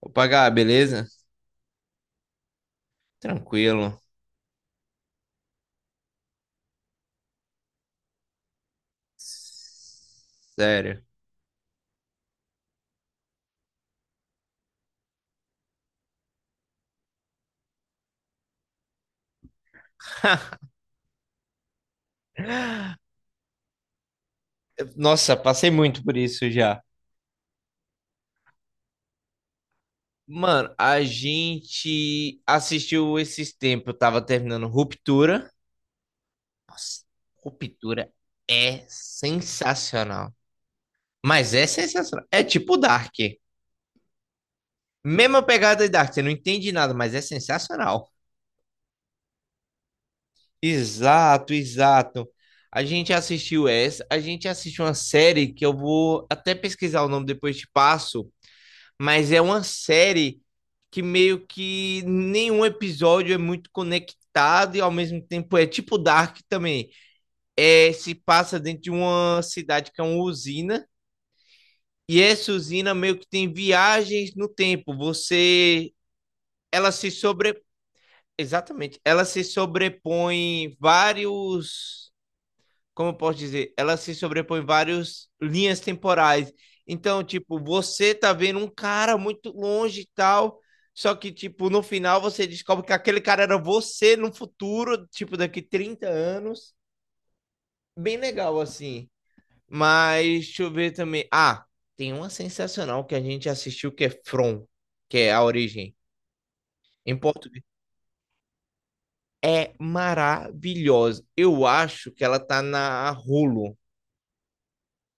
Opa, Gá, beleza? Tranquilo. Sério. Nossa, passei muito por isso já. Mano, a gente assistiu esses tempos. Eu tava terminando Ruptura. Nossa, Ruptura é sensacional. Mas é sensacional. É tipo Dark. Mesma pegada de Dark. Você não entende nada, mas é sensacional. Exato, exato. A gente assistiu essa, a gente assistiu uma série que eu vou até pesquisar o nome depois te passo, mas é uma série que meio que nenhum episódio é muito conectado e ao mesmo tempo é tipo Dark também. É, se passa dentro de uma cidade que é uma usina e essa usina meio que tem viagens no tempo. Você, ela se sobre, exatamente, ela se sobrepõe vários, como eu posso dizer, ela se sobrepõe várias linhas temporais. Então, tipo, você tá vendo um cara muito longe e tal, só que, tipo, no final você descobre que aquele cara era você no futuro, tipo, daqui 30 anos. Bem legal, assim. Mas, deixa eu ver também. Ah, tem uma sensacional que a gente assistiu que é From, que é a origem. Em português. É maravilhosa. Eu acho que ela tá na Hulu.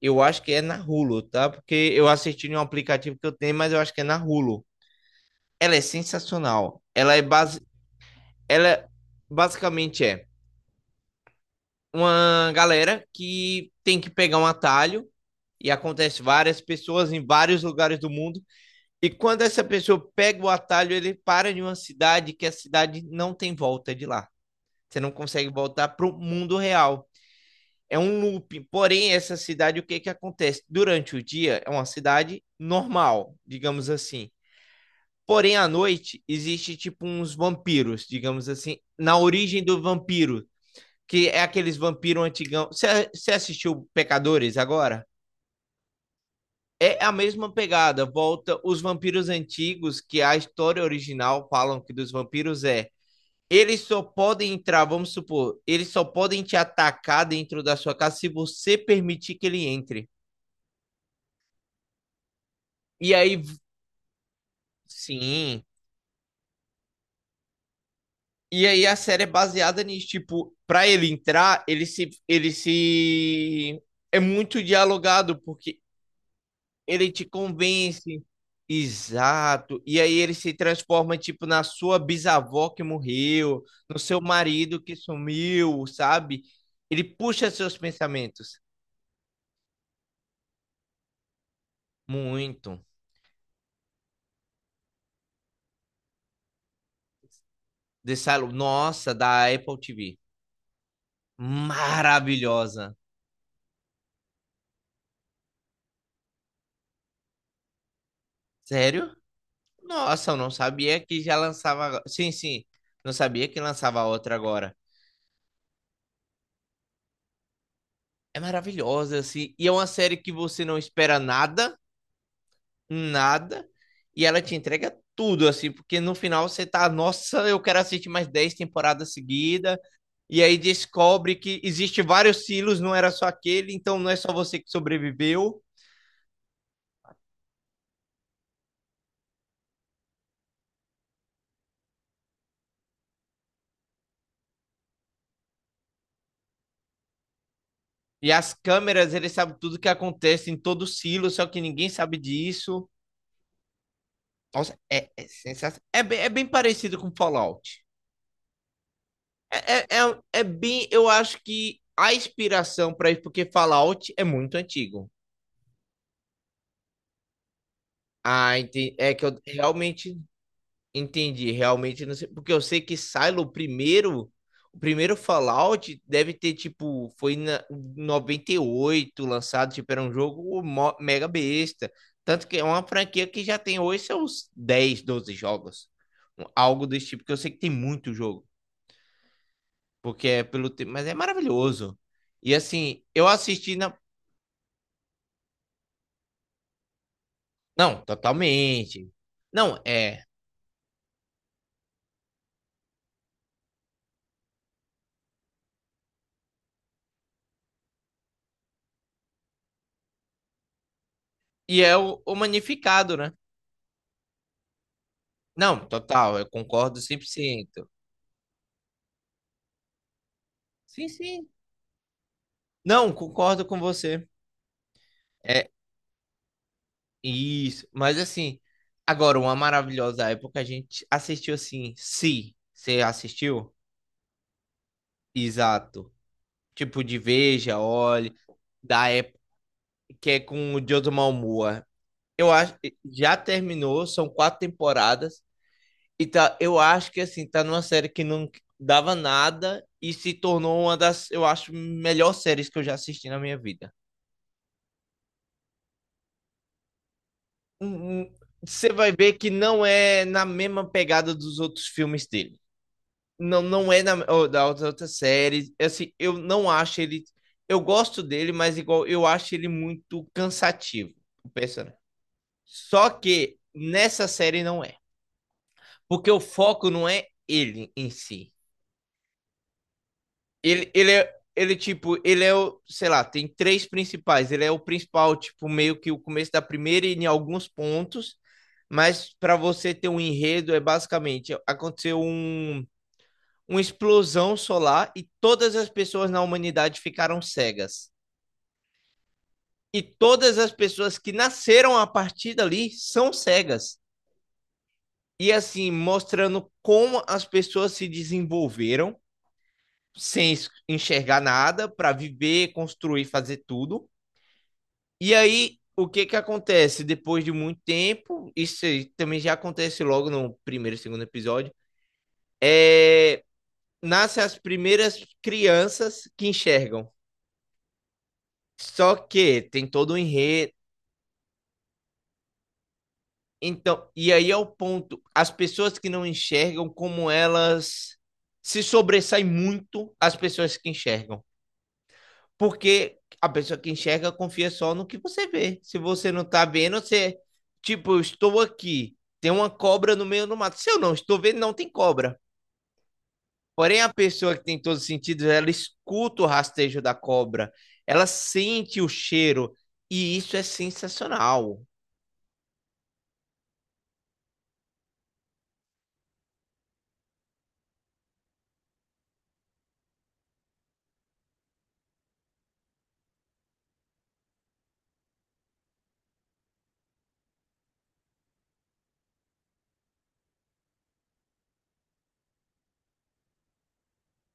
Eu acho que é na Hulu, tá? Porque eu assisti em um aplicativo que eu tenho, mas eu acho que é na Hulu. Ela é sensacional. Ela é base... Ela é, basicamente é uma galera que tem que pegar um atalho e acontece várias pessoas em vários lugares do mundo. E quando essa pessoa pega o atalho, ele para em uma cidade que a cidade não tem volta de lá. Você não consegue voltar para o mundo real. É um looping. Porém, essa cidade, o que que acontece? Durante o dia, é uma cidade normal, digamos assim. Porém, à noite, existe tipo uns vampiros, digamos assim, na origem do vampiro, que é aqueles vampiros antigão. Você assistiu Pecadores agora? É a mesma pegada, volta os vampiros antigos, que a história original falam que dos vampiros é, eles só podem entrar, vamos supor, eles só podem te atacar dentro da sua casa se você permitir que ele entre. E aí, sim. E aí a série é baseada nisso, tipo, pra ele entrar, ele se... É muito dialogado, porque ele te convence. Exato. E aí ele se transforma, tipo, na sua bisavó que morreu, no seu marido que sumiu, sabe? Ele puxa seus pensamentos. Muito. Dessa... Nossa, da Apple TV. Maravilhosa. Sério? Nossa, eu não sabia que já lançava agora. Sim, sim. Não sabia que lançava outra agora. É maravilhosa, assim. E é uma série que você não espera nada, nada. E ela te entrega tudo, assim. Porque no final você tá, nossa, eu quero assistir mais 10 temporadas seguidas. E aí descobre que existe vários silos, não era só aquele. Então não é só você que sobreviveu. E as câmeras, eles sabem tudo que acontece em todo silo, só que ninguém sabe disso. Nossa, é, é sensacional. É bem parecido com Fallout. É, é bem. Eu acho que a inspiração para isso, porque Fallout é muito antigo. Ah, entendi. É que eu realmente entendi. Realmente não sei. Porque eu sei que Silo, o primeiro. O primeiro Fallout deve ter, tipo, foi em 98 lançado, tipo, era um jogo mega besta. Tanto que é uma franquia que já tem hoje seus 10 12 jogos. Algo desse tipo, que eu sei que tem muito jogo, porque é pelo tempo, mas é maravilhoso. E assim, eu assisti na. Não, totalmente. Não, é. E é o Magnificado, né? Não, total, eu concordo 100%. Sim, sim. Não, concordo com você. É isso. Mas assim, agora, uma maravilhosa época, a gente assistiu assim. Se você assistiu? Exato. Tipo de Veja, Olhe, da época, que é com o Joe Malmoa. Eu acho já terminou, são quatro temporadas. E tá, eu acho que assim, tá numa série que não dava nada e se tornou uma das, eu acho, melhores séries que eu já assisti na minha vida. Hum. Você vai ver que não é na mesma pegada dos outros filmes dele. Não, não é na, ou da outra, outra série. Assim, eu não acho ele. Eu gosto dele, mas igual eu acho ele muito cansativo, o personagem. Só que nessa série não é. Porque o foco não é ele em si. Ele é, ele, tipo, ele é o, sei lá, tem três principais. Ele é o principal, tipo, meio que o começo da primeira e em alguns pontos. Mas para você ter um enredo, é basicamente aconteceu um, uma explosão solar e todas as pessoas na humanidade ficaram cegas. E todas as pessoas que nasceram a partir dali são cegas. E assim, mostrando como as pessoas se desenvolveram sem enxergar nada para viver, construir, fazer tudo. E aí, o que que acontece? Depois de muito tempo, isso aí também já acontece logo no primeiro, segundo episódio, é... nascem as primeiras crianças que enxergam. Só que tem todo um enredo. Então, e aí é o ponto. As pessoas que não enxergam, como elas se sobressaem muito às pessoas que enxergam. Porque a pessoa que enxerga confia só no que você vê. Se você não tá vendo, você. Tipo, eu estou aqui, tem uma cobra no meio do mato. Se eu não estou vendo, não tem cobra. Porém, a pessoa que tem todos os sentidos, ela escuta o rastejo da cobra, ela sente o cheiro, e isso é sensacional.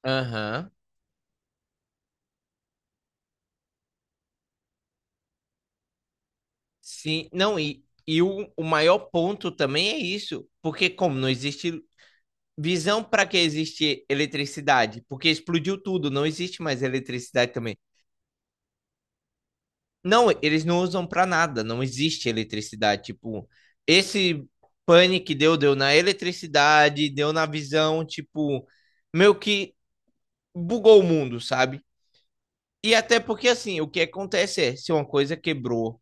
Aham. Sim, não, e o maior ponto também é isso, porque como não existe visão, para que existe eletricidade? Porque explodiu tudo, não existe mais eletricidade também. Não, eles não usam pra nada, não existe eletricidade. Tipo, esse pane que deu na eletricidade, deu na visão, tipo, meio que bugou o mundo, sabe? E até porque, assim, o que acontece é, se uma coisa quebrou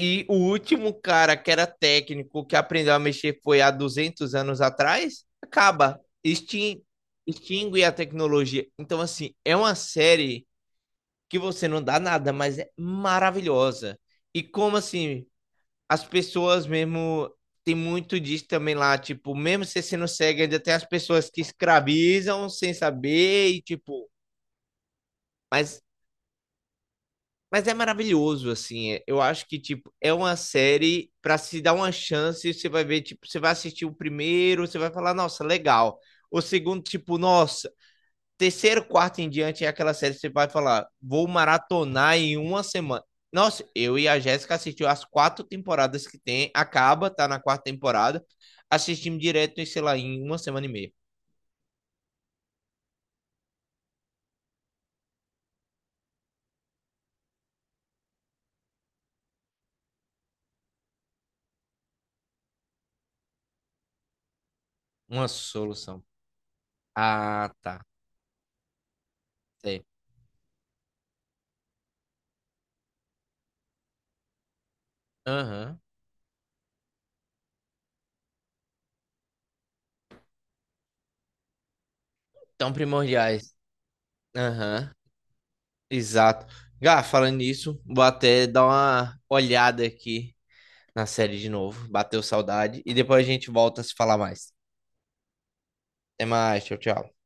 e o último cara que era técnico, que aprendeu a mexer foi há 200 anos atrás, acaba, extingue a tecnologia. Então, assim, é uma série que você não dá nada, mas é maravilhosa. E como assim, as pessoas mesmo. Tem muito disso também lá, tipo, mesmo você sendo cego, ainda tem as pessoas que escravizam sem saber e, tipo. Mas, mas é maravilhoso, assim. Eu acho que, tipo, é uma série pra se dar uma chance. Você vai ver, tipo, você vai assistir o primeiro, você vai falar, nossa, legal. O segundo, tipo, nossa, terceiro, quarto em diante é aquela série que você vai falar, vou maratonar em uma semana. Nossa, eu e a Jéssica assistiu as quatro temporadas que tem, acaba, tá na quarta temporada, assistimos direto, em, sei lá, em uma semana e meia. Uma solução. Ah, tá. Sei. Aham. Tão primordiais. Aham. Exato. Gá, falando nisso, vou até dar uma olhada aqui na série de novo. Bateu saudade. E depois a gente volta a se falar mais. Até mais. Tchau, tchau.